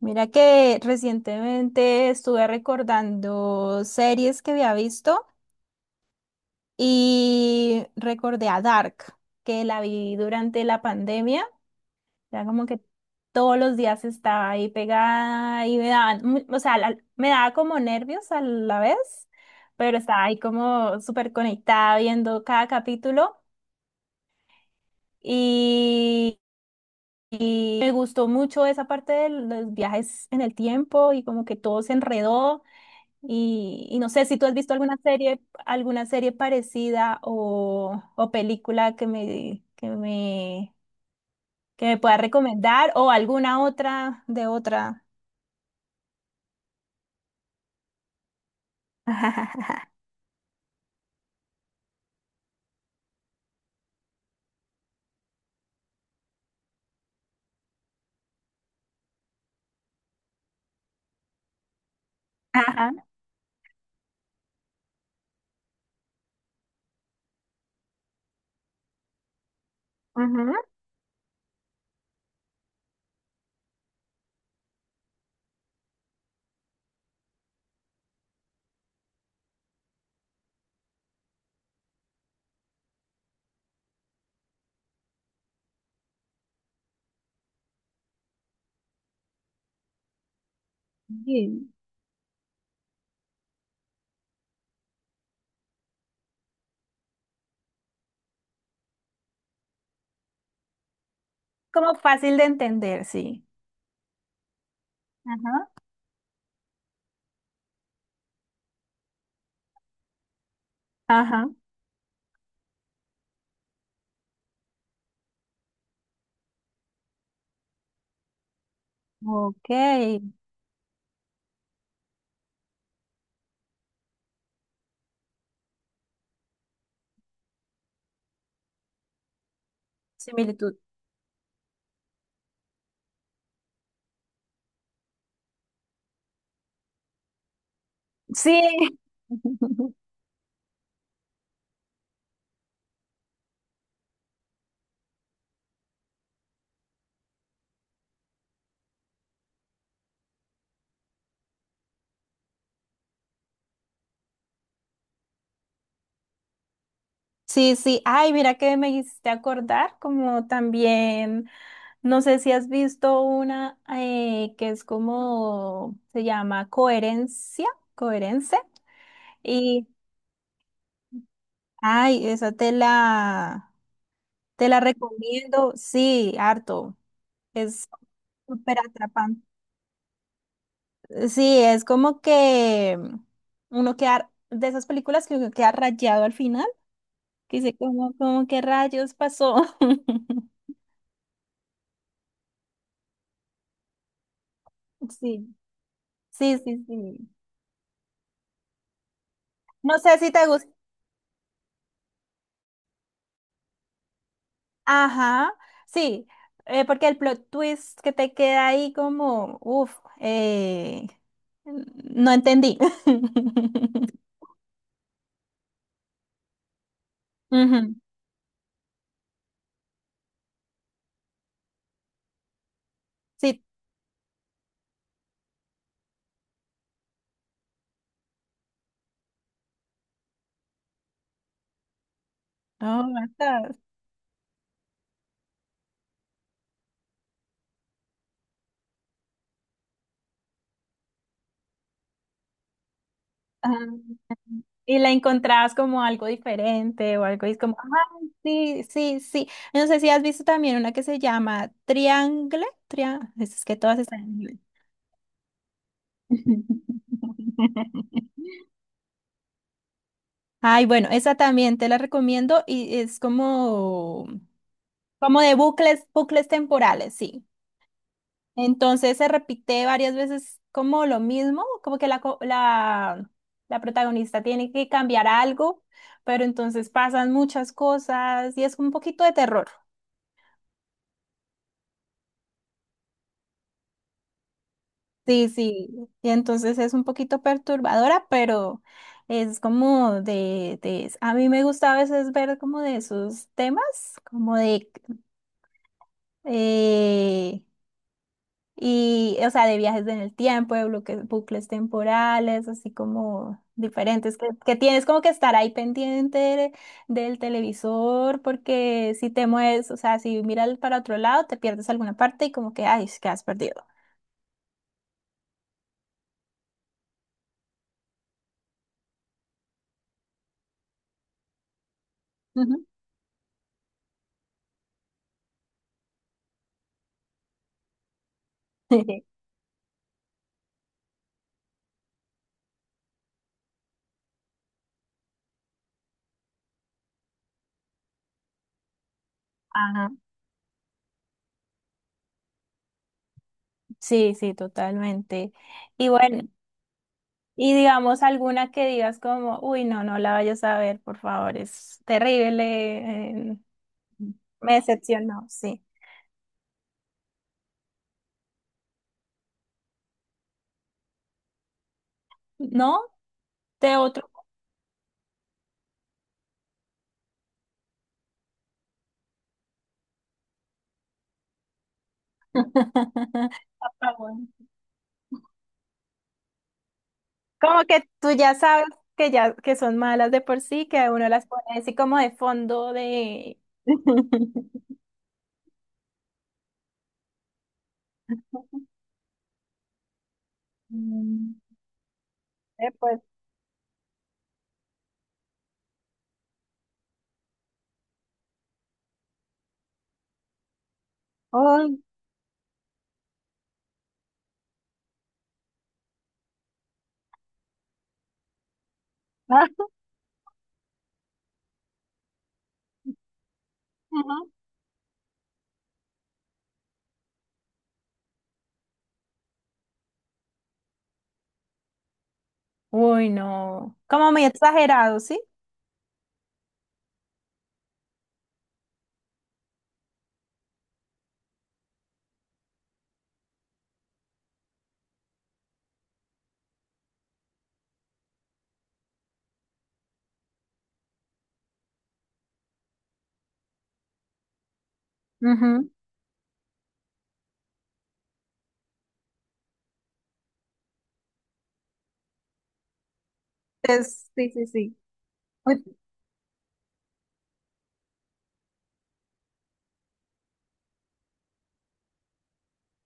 Mira que recientemente estuve recordando series que había visto y recordé a Dark, que la vi durante la pandemia. Era como que todos los días estaba ahí pegada y me daban, me daba como nervios a la vez, pero estaba ahí como súper conectada viendo cada capítulo y, y me gustó mucho esa parte de los viajes en el tiempo y como que todo se enredó. Y no sé si tú has visto alguna serie parecida o película que me pueda recomendar o alguna otra de otra. Ajá, ujú. Sí. Como fácil de entender, sí. Ajá. Ajá. Ok. Similitud. Sí. Sí, sí. Ay, mira que me hiciste acordar, como también, no sé si has visto una que es como, se llama Coherencia, Coherence. Y, ay, te la recomiendo, sí, harto. Es súper atrapante. Sí, es como que uno queda, de esas películas que uno queda rayado al final, que dice, como, como, ¿qué rayos pasó? Sí. Sí, sí, sí. No sé si te gusta. Ajá, sí, porque el plot twist que te queda ahí como, uff, no entendí. Ujú, sí, no, basta. Ajá. Y la encontrabas como algo diferente o algo y es como, ay, sí, sí, sí. No sé si has visto también una que se llama Triangle. Tria Es que todas están en inglés. Ay, bueno, esa también te la recomiendo y es como, como de bucles, bucles temporales, sí. Entonces se repite varias veces como lo mismo, como que la protagonista tiene que cambiar algo, pero entonces pasan muchas cosas y es un poquito de terror. Sí, sí, y entonces es un poquito perturbadora, pero es como a mí me gusta a veces ver como de esos temas, como de eh, y, o sea, de viajes en el tiempo, de bucles temporales, así como diferentes, que tienes como que estar ahí pendiente de- del televisor, porque si te mueves, o sea, si miras para otro lado, te pierdes alguna parte y como que, ay, que has perdido. Ujú. Ajá. Sí, sí, totalmente. Y bueno, y digamos alguna que digas como, uy, no, no la vayas a ver, por favor, es terrible, eh, me decepcionó, sí. ¿No? De otro. Apagón. Como que tú ya sabes que ya que son malas de por sí, que uno las pone así como de fondo de. Mm, eh, pues, ay, ah, ujú. Uy, no. Como muy exagerado, ¿sí? Ujú, sí, sí, sí. Uy,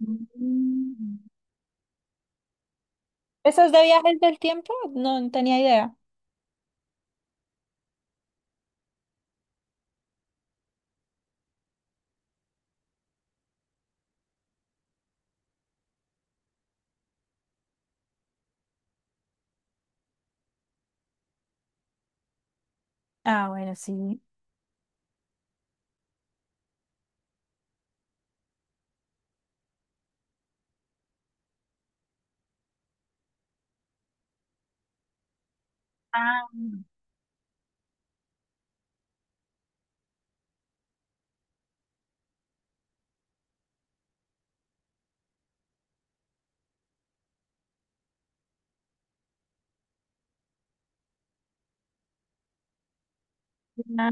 mm, ¿esos de viajes del tiempo? No, no tenía idea. Ah, bueno, sí. Ah, ah,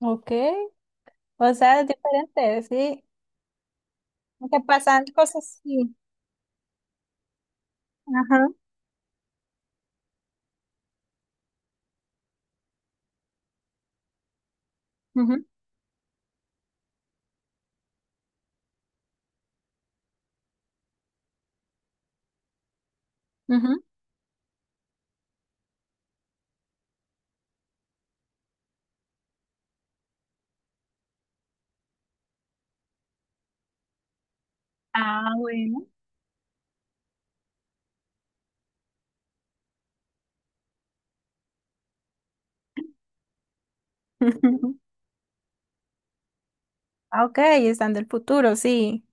ok. O sea, es diferente, sí. Aunque pasan cosas, sí. Ajá, ujú, ujú. Ah, bueno. Ok, están del futuro, sí.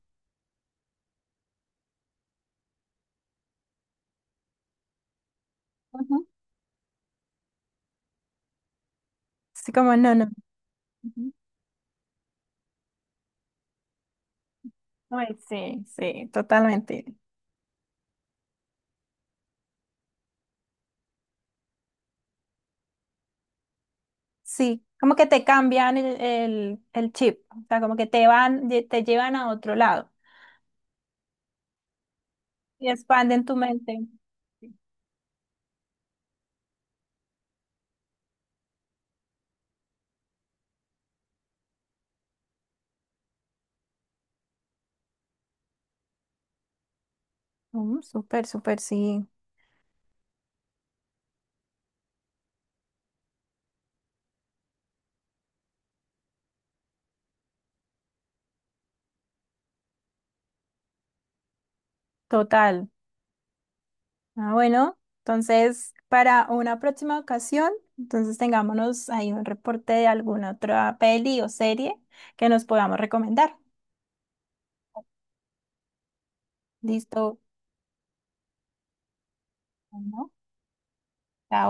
Ujú. Así como, no, no. Ujú. Ay, sí, sí, totalmente. Sí, como que te cambian el chip, o sea, como que te van, te llevan a otro lado y expanden tu mente. Mm, súper, súper, sí, total. Ah, bueno, entonces para una próxima ocasión, entonces tengámonos ahí un reporte de alguna otra peli o serie que nos podamos recomendar. Listo, ¿no? Chao.